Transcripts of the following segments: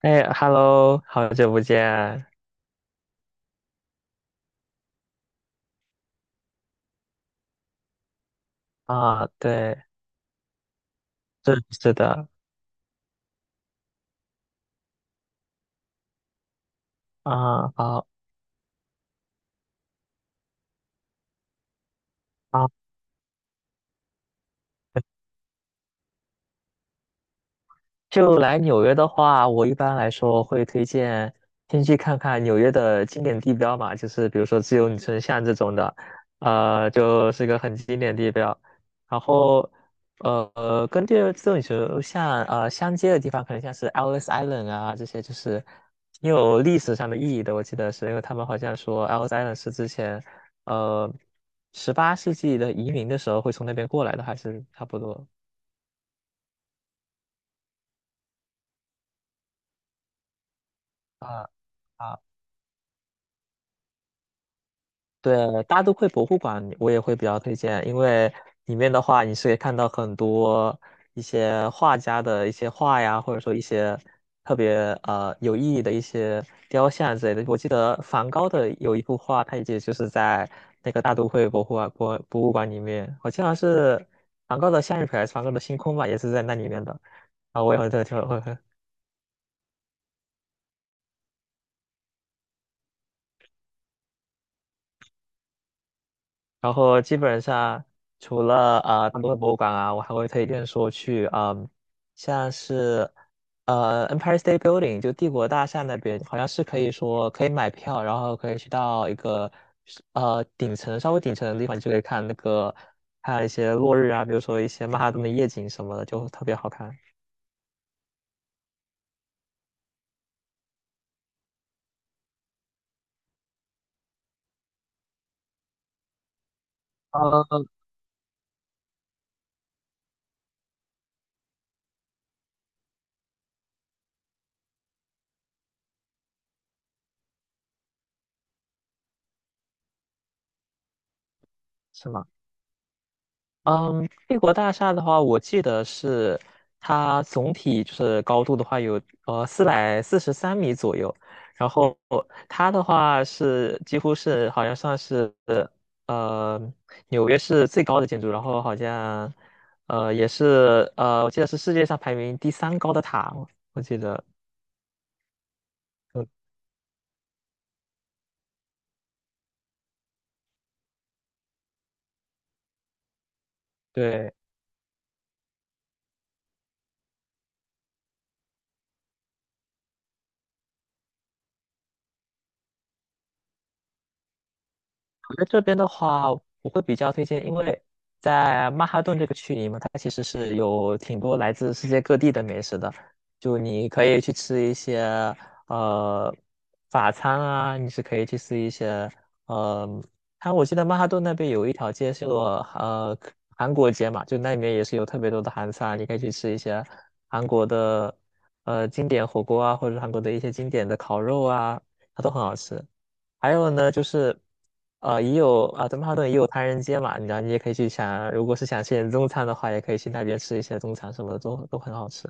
哎，Hello，好久不见。啊！对，是是的。啊，好啊。就来纽约的话，我一般来说会推荐先去看看纽约的经典地标嘛，就是比如说自由女神像这种的，就是一个很经典地标。然后，跟这自由女神像相接的地方，可能像是 Ellis Island 啊这些，就是挺有历史上的意义的。我记得是因为他们好像说 Ellis Island 是之前呃18世纪的移民的时候会从那边过来的，还是差不多啊啊。对，大都会博物馆我也会比较推荐，因为里面的话，你是可以看到很多一些画家的一些画呀，或者说一些特别有意义的一些雕像之类的。我记得梵高的有一幅画，它也就是在那个大都会博物馆里面，我记得好像是梵高的向日葵还是梵高的星空吧，也是在那里面的。啊，我也会特挺会然后基本上除了大多的博物馆啊，我还会推荐说去像是Empire State Building 就帝国大厦那边，好像是可以买票，然后可以去到一个呃顶层稍微顶层的地方，你就可以看那个看一些落日啊，比如说一些曼哈顿的夜景什么的，就特别好看。呃，是吗？嗯，帝国大厦的话，我记得是它总体就是高度的话有443米左右，然后它的话是几乎是好像算是呃纽约市最高的建筑，然后好像也是我记得是世界上排名第三高的塔，我记得嗯对。我在这边的话，我会比较推荐，因为在曼哈顿这个区域嘛，它其实是有挺多来自世界各地的美食的。就你可以去吃一些呃法餐啊，你是可以去吃一些呃，它我记得曼哈顿那边有一条街是有韩国街嘛，就那里面也是有特别多的韩餐，你可以去吃一些韩国的经典火锅啊，或者韩国的一些经典的烤肉啊，它都很好吃。还有呢，就是也有啊，德曼哈顿也有唐人街嘛，你知道，你也可以去想，如果是想吃点中餐的话，也可以去那边吃一些中餐什么的，都很好吃。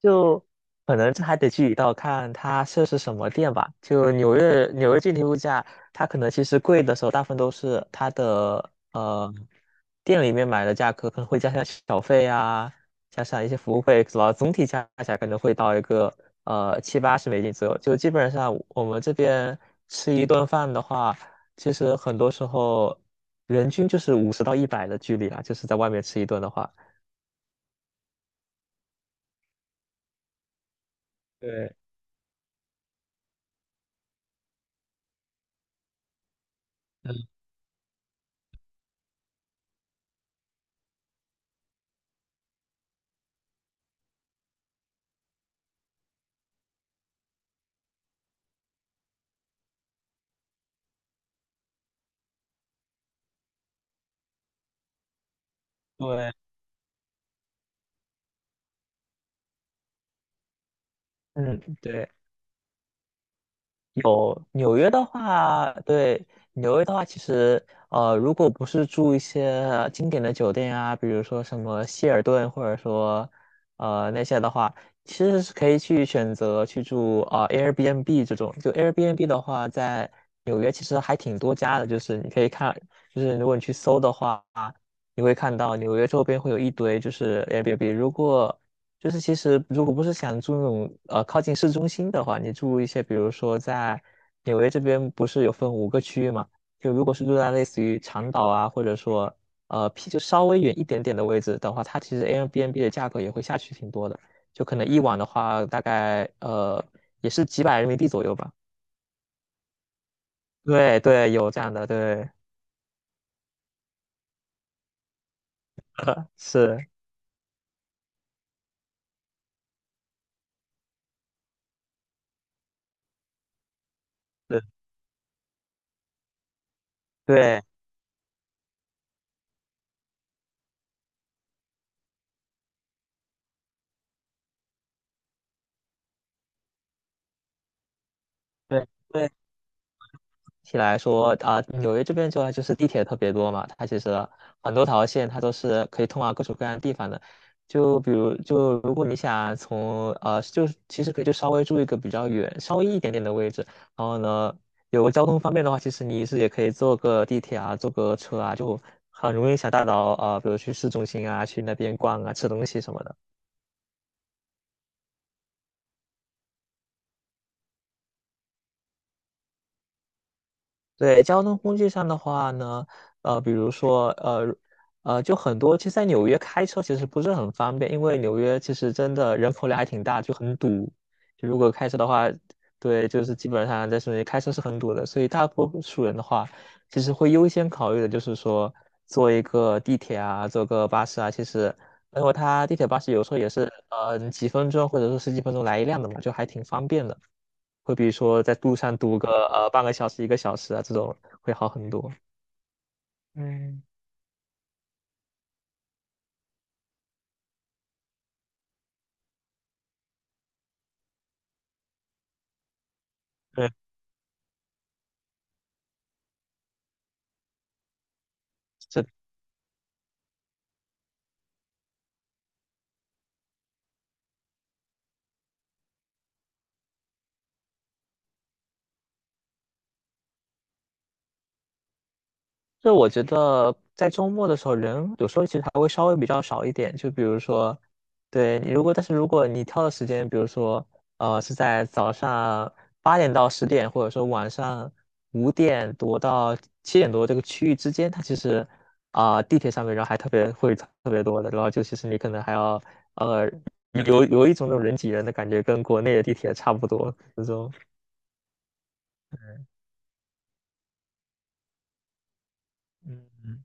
就可能这还得具体到看它设是什么店吧。就纽约具体物价，它可能其实贵的时候，大部分都是它的店里面买的价格，可能会加上小费啊，加上一些服务费，然后总体加起来可能会到一个70到80美金左右。就基本上我们这边吃一顿饭的话，其实很多时候人均就是50到100的距离啊，就是在外面吃一顿的话。对，嗯，对，嗯，对。有纽约的话，对，纽约的话，其实如果不是住一些经典的酒店啊，比如说什么希尔顿，或者说那些的话，其实是可以去选择去住啊、Airbnb 这种。就 Airbnb 的话，在纽约其实还挺多家的，就是你可以看，就是如果你去搜的话，你会看到纽约周边会有一堆就是 Airbnb。如果就是其实如果不是想住那种靠近市中心的话，你住一些比如说在纽约这边不是有分五个区域嘛？就如果是住在类似于长岛啊，或者说就稍微远一点点的位置的话，它其实 Airbnb 的价格也会下去挺多的，就可能一晚的话大概也是几百人民币左右吧。对对，有这样的，对，是，对对对对起来说啊，纽约这边主要就是地铁特别多嘛，它其实很多条线它都是可以通往各种各样的地方的。就如果你想从就是其实可以就稍微住一个比较远、稍微一点点的位置，然后呢，有个交通方便的话，其实你是也可以坐个地铁啊，坐个车啊，就很容易想大到比如去市中心啊，去那边逛啊，吃东西什么的。对，交通工具上的话呢，呃，比如说，呃，呃，就很多，其实在纽约开车其实不是很方便，因为纽约其实真的人口量还挺大，就很堵。就如果开车的话，对，就是基本上在室内开车是很堵的，所以大多数人的话，其实会优先考虑的就是说，坐一个地铁啊，坐个巴士啊，其实，因为它地铁巴士有时候也是，几分钟或者说十几分钟来一辆的嘛，就还挺方便的。会比如说在路上堵个半个小时、一个小时啊，这种会好很多。嗯，对，这这我觉得在周末的时候，人有时候其实还会稍微比较少一点。就比如说，对，你如果，但是如果你挑的时间，比如说，是在早上8点到10点，或者说晚上5点多到7点多这个区域之间，它其实地铁上面人还特别多的，然后就其实你可能还要呃有那种人挤人的感觉，跟国内的地铁差不多那种。嗯，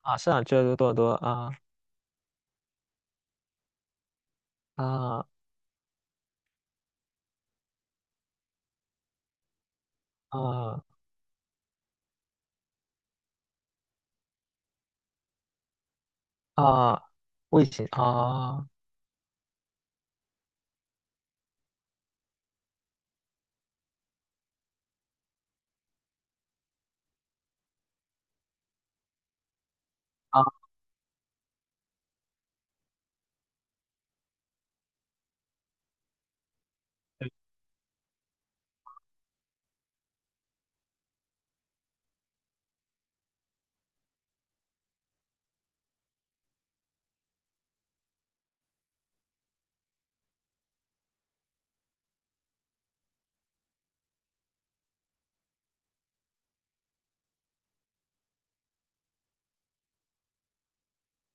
啊，是啊，这多伦多啊啊啊！啊，卫星啊啊，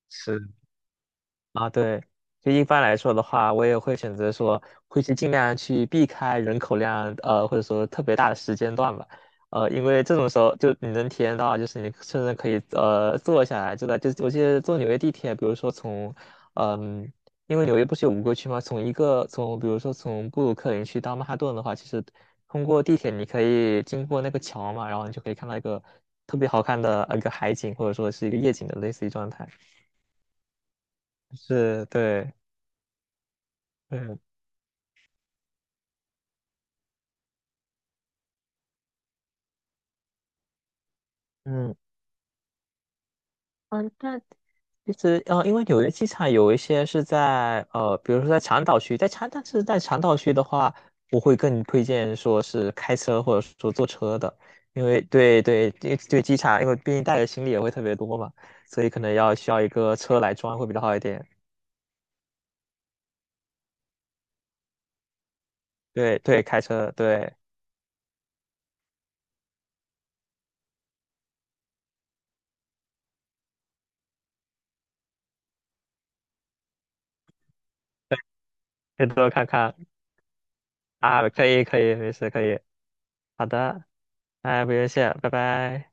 是啊，对，就一般来说的话，我也会选择说，会去尽量去避开人口量，或者说特别大的时间段吧，因为这种时候就你能体验到，就是你甚至可以坐下来，就我记得坐纽约地铁，比如说从，嗯、因为纽约不是有五个区吗？从一个从比如说从布鲁克林区到曼哈顿的话，其实通过地铁你可以经过那个桥嘛，然后你就可以看到一个特别好看的呃一个海景，或者说是一个夜景的类似于状态，是对。嗯。嗯嗯，那其实因为纽约机场有一些是在比如说在长岛区，但是在长岛区的话，我会更推荐说是开车或者说坐车的，因为对对对对机场，因为毕竟带的行李也会特别多嘛，所以可能需要一个车来装会比较好一点。对对，开车对，可以多看看啊，可以可以，没事可以，好的，哎，不用谢，拜拜。